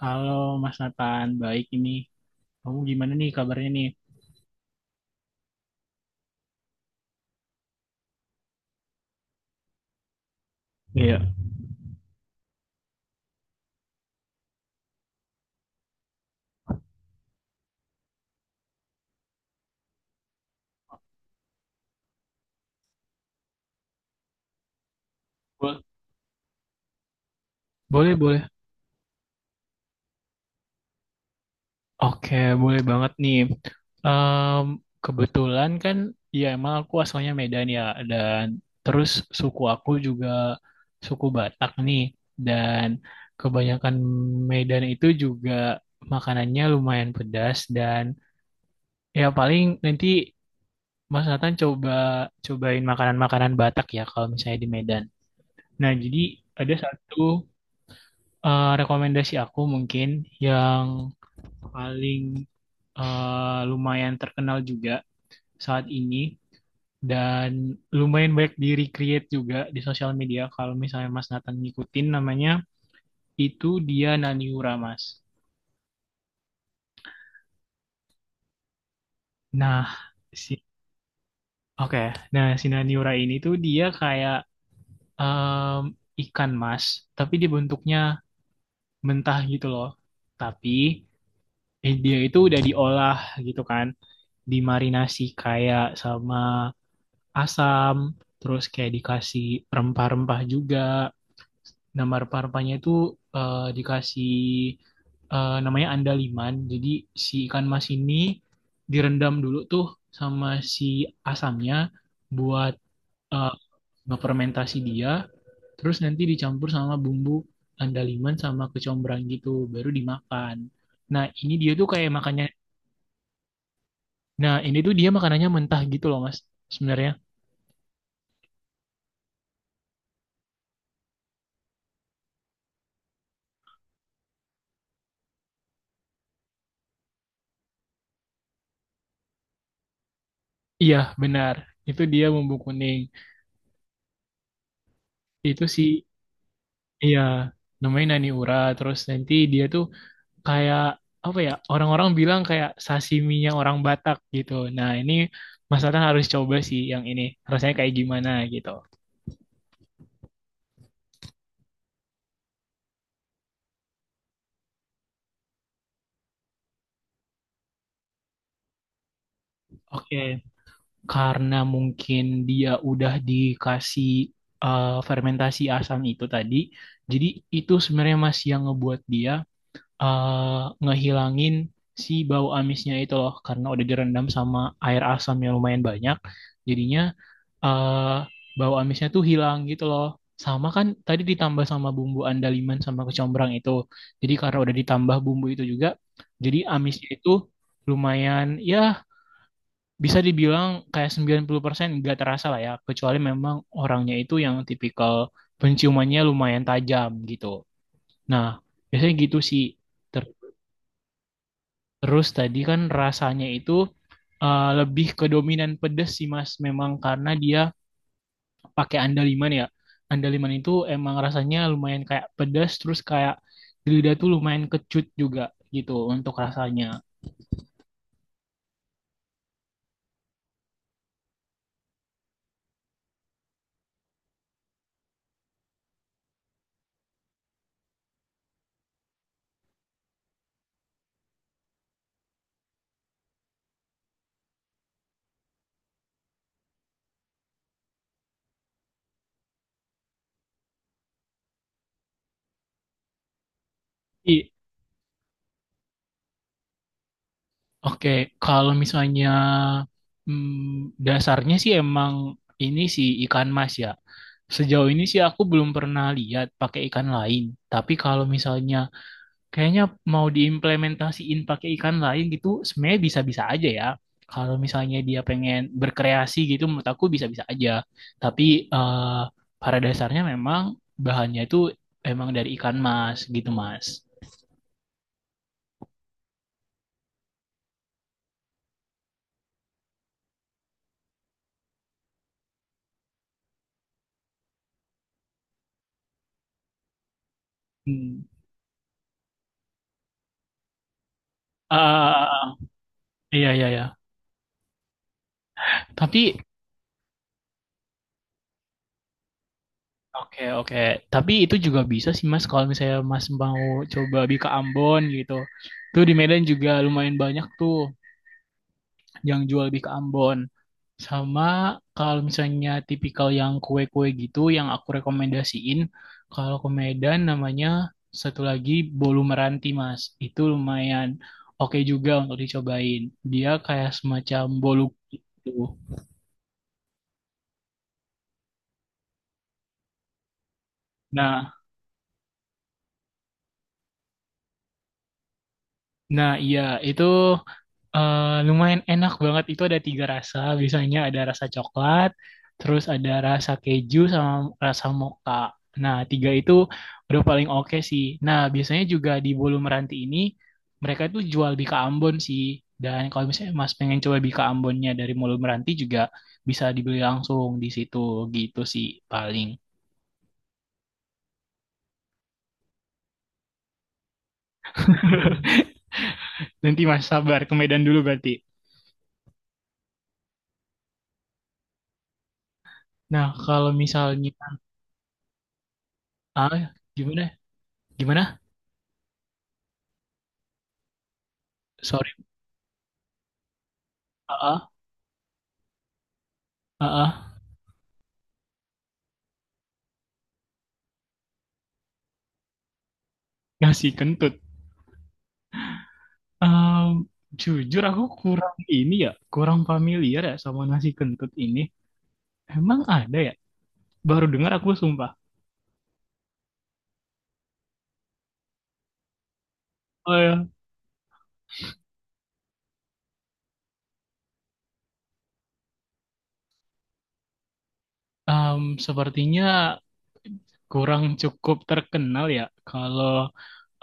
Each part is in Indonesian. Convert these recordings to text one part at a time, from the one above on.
Halo Mas Nathan, baik ini. Kamu gimana nih kabarnya nih? Iya, Bo- boleh, boleh. Oke, boleh banget nih. Em, kebetulan kan, ya emang aku asalnya Medan ya, dan terus suku aku juga suku Batak nih, dan kebanyakan Medan itu juga makanannya lumayan pedas dan ya paling nanti Mas Nathan cobain makanan-makanan Batak ya kalau misalnya di Medan. Nah, jadi ada satu rekomendasi aku mungkin yang paling lumayan terkenal juga saat ini dan lumayan banyak di recreate juga di sosial media kalau misalnya Mas Nathan ngikutin namanya itu dia Naniura Mas. Nah, si oke. Nah, si Naniura ini tuh dia kayak em, ikan mas, tapi dia bentuknya mentah gitu loh. Tapi dia itu udah diolah gitu kan dimarinasi kayak sama asam, terus kayak dikasih rempah-rempah juga. Nama rempah-rempahnya itu dikasih namanya andaliman. Jadi si ikan mas ini direndam dulu tuh sama si asamnya buat eh, ngefermentasi dia. Terus nanti dicampur sama bumbu andaliman sama kecombrang gitu, baru dimakan. Nah, ini dia tuh kayak makannya. Nah, ini tuh dia makanannya mentah gitu loh Mas sebenarnya. Iya benar, itu dia bumbu kuning. Itu sih, iya, namanya nani ura. Terus nanti dia tuh kayak apa ya? Orang-orang bilang kayak sashiminya orang Batak gitu. Nah, ini Mas Nathan harus coba sih yang ini. Rasanya kayak gimana gitu. Oke, karena mungkin dia udah dikasih fermentasi asam itu tadi, jadi itu sebenarnya Mas yang ngebuat dia ngehilangin si bau amisnya itu loh, karena udah direndam sama air asam yang lumayan banyak. Jadinya eh bau amisnya tuh hilang gitu loh. Sama kan tadi ditambah sama bumbu andaliman sama kecombrang itu. Jadi karena udah ditambah bumbu itu juga, jadi amisnya itu lumayan ya bisa dibilang kayak 90% nggak terasa lah ya. Kecuali memang orangnya itu yang tipikal penciumannya lumayan tajam gitu. Nah, biasanya gitu sih. Ter- Terus tadi kan rasanya itu lebih ke dominan pedes sih Mas. Memang karena dia pakai andaliman ya. Andaliman itu emang rasanya lumayan kayak pedas terus kayak di lidah tuh lumayan kecut juga gitu untuk rasanya. I, oke, kalau misalnya dasarnya sih emang ini sih ikan mas ya. Sejauh ini sih aku belum pernah lihat pakai ikan lain. Tapi kalau misalnya kayaknya mau diimplementasiin pakai ikan lain gitu sebenarnya bisa-bisa aja ya, kalau misalnya dia pengen berkreasi gitu menurut aku bisa-bisa aja, tapi eh, pada dasarnya memang bahannya itu emang dari ikan mas gitu Mas. Hmm. Ah, iya iya iya, tapi oke oke, tapi itu juga bisa sih Mas, kalau misalnya Mas mau coba di ke Ambon gitu, tuh di Medan juga lumayan banyak tuh yang jual lebih ke Ambon. Sama kalau misalnya tipikal yang kue-kue gitu yang aku rekomendasiin, kalau ke Medan namanya satu lagi bolu meranti, Mas. Itu lumayan oke juga untuk dicobain. Dia kayak semacam bolu gitu. Nah, nah, iya itu. Lumayan enak banget itu, ada tiga rasa biasanya, ada rasa coklat terus ada rasa keju sama rasa mocha. Nah, tiga itu udah paling oke sih. Nah, biasanya juga di Bolu Meranti ini mereka itu jual bika Ambon sih, dan kalau misalnya Mas pengen coba bika Ambonnya dari Bolu Meranti juga bisa dibeli langsung di situ gitu sih paling. Nanti Mas sabar ke Medan dulu berarti. Nah, kalau misalnya, ah, gimana gimana, sorry, ah ah ah, ah. Nasi kentut. Ehm, jujur aku kurang ini ya, kurang familiar ya sama nasi kentut ini. Emang ada ya? Baru dengar aku sumpah. Oh ya. Sepertinya kurang cukup terkenal ya kalau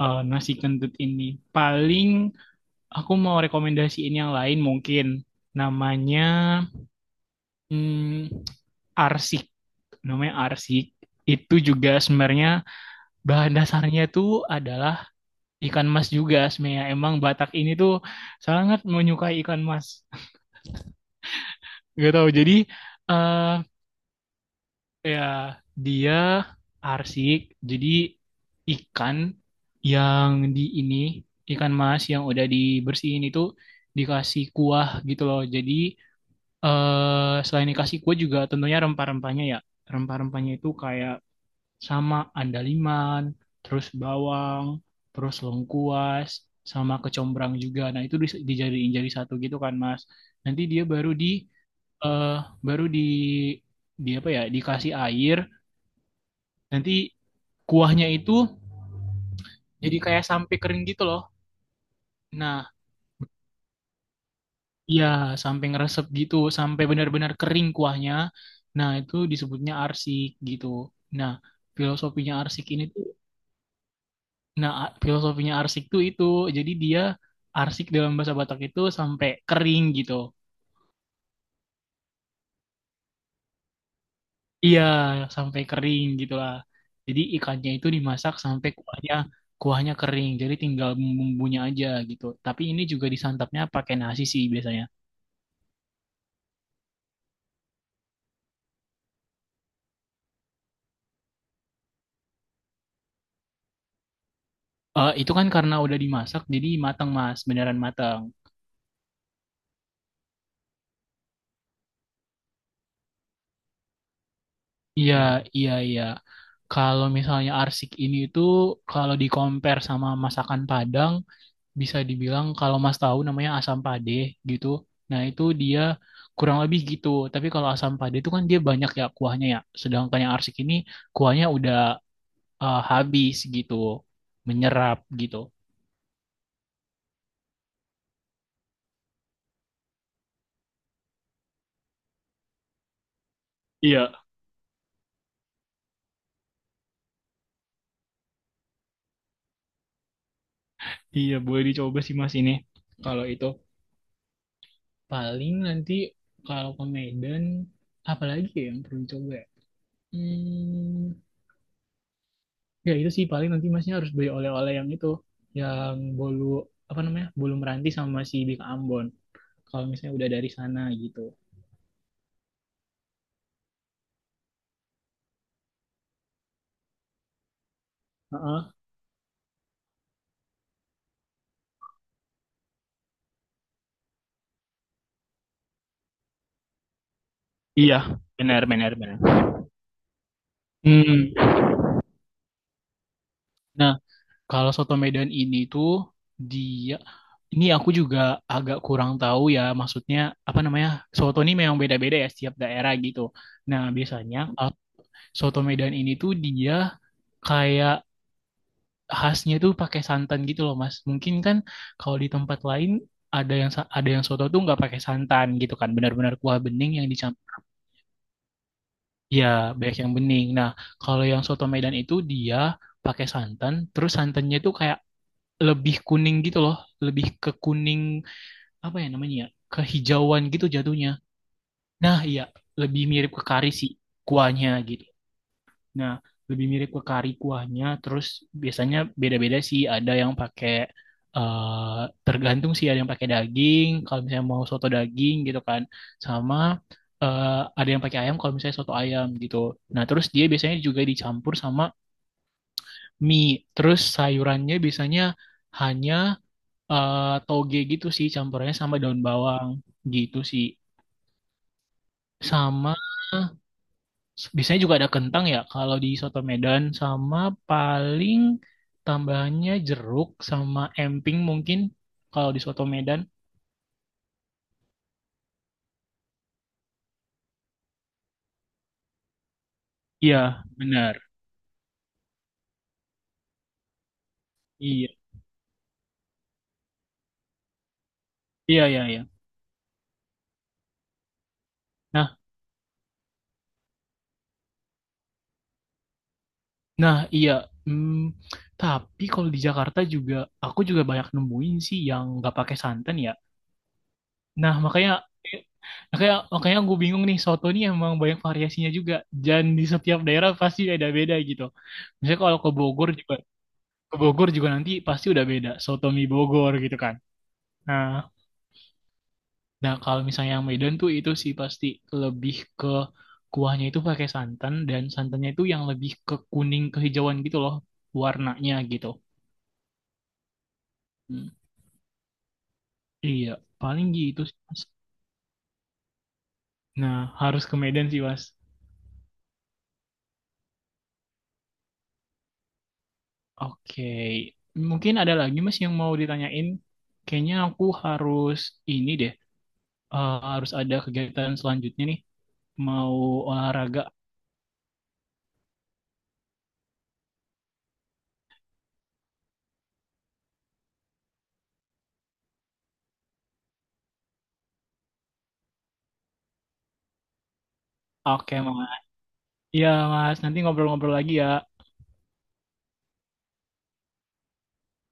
nasi kentut ini. Paling aku mau rekomendasiin yang lain mungkin. Namanya hmm, arsik. Namanya arsik. Itu juga sebenarnya bahan dasarnya itu adalah ikan mas juga sebenarnya. Emang Batak ini tuh sangat menyukai ikan mas. Gak tahu. Jadi eh ya dia arsik. Jadi ikan yang di ini, ikan mas yang udah dibersihin itu dikasih kuah gitu loh. Jadi selain dikasih kuah juga tentunya rempah-rempahnya ya. Rempah-rempahnya itu kayak sama andaliman, terus bawang, terus lengkuas, sama kecombrang juga. Nah, itu dijadiin jadi satu gitu kan, Mas. Nanti dia eh baru di apa ya, dikasih air. Nanti kuahnya itu jadi kayak sampai kering gitu loh. Nah, iya sampai ngeresep gitu, sampai benar-benar kering kuahnya. Nah, itu disebutnya arsik gitu. Nah, filosofinya arsik ini tuh. Nah, filosofinya arsik tuh itu. Jadi dia arsik dalam bahasa Batak itu sampai kering gitu. Iya, sampai kering gitu lah. Jadi ikannya itu dimasak sampai kuahnya kuahnya kering. Jadi tinggal bumbunya aja gitu. Tapi ini juga disantapnya pakai nasi sih biasanya. Itu kan karena udah dimasak jadi matang Mas, beneran matang. Iya. Hmm. Iya, iya. Kalau misalnya arsik ini itu kalau di compare sama masakan Padang, bisa dibilang kalau Mas tahu namanya asam pade gitu. Nah, itu dia kurang lebih gitu. Tapi kalau asam pade itu kan dia banyak ya kuahnya ya. Sedangkan yang arsik ini kuahnya udah habis gitu, menyerap gitu. Iya, iya boleh dicoba sih Mas ini. Kalau itu. Paling nanti kalau ke Medan apalagi ya yang perlu dicoba ya? Hmm, Ya itu sih paling nanti masnya harus beli oleh-oleh yang itu, yang bolu apa namanya bolu meranti sama si Bika Ambon. Kalau misalnya udah dari sana gitu. Heeh. Iya, benar benar benar. Hmm. Nah, kalau soto Medan ini tuh dia, ini aku juga agak kurang tahu ya, maksudnya apa namanya? Soto ini memang beda-beda ya setiap daerah gitu. Nah, biasanya soto Medan ini tuh dia kayak khasnya itu pakai santan gitu loh Mas. Mungkin kan kalau di tempat lain ada yang ada yang soto tuh nggak pakai santan gitu kan, benar-benar kuah bening yang dicampur. Ya, banyak yang bening. Nah, kalau yang soto Medan itu dia pakai santan, terus santannya itu kayak lebih kuning gitu loh, lebih ke kuning apa ya namanya ya, kehijauan gitu jatuhnya. Nah, iya, lebih mirip ke kari sih kuahnya gitu. Nah, lebih mirip ke kari kuahnya. Terus biasanya beda-beda sih. Ada yang pakai eh tergantung sih, ada yang pakai daging. Kalau misalnya mau soto daging gitu kan, sama eh, ada yang pakai ayam. Kalau misalnya soto ayam gitu. Nah, terus dia biasanya juga dicampur sama mie. Terus sayurannya biasanya hanya toge gitu sih, campurannya sama daun bawang gitu sih. Sama biasanya juga ada kentang ya kalau di soto Medan, sama paling tambahannya jeruk sama emping mungkin kalau di soto Medan. Iya, benar. Iya. Iya, iya, iya. Nah, nah, iya. Hmm, tapi kalau di Jakarta juga aku juga banyak nemuin sih yang nggak pakai santan ya. Nah, makanya makanya makanya gue bingung nih soto nih emang banyak variasinya juga dan di setiap daerah pasti beda-beda gitu. Misalnya kalau ke Bogor juga nanti pasti udah beda. Soto mie Bogor gitu kan. Nah, nah, kalau misalnya yang Medan tuh itu sih pasti lebih ke kuahnya itu pakai santan dan santannya itu yang lebih ke kuning kehijauan gitu loh warnanya gitu. Hmm, Iya, paling gitu sih, Mas. Nah, harus ke Medan sih, Mas. Oke. Mungkin ada lagi Mas yang mau ditanyain. Kayaknya aku harus ini deh. Harus ada kegiatan selanjutnya nih. Mau olahraga. Oke, makasih. Iya Mas, nanti ngobrol-ngobrol lagi ya.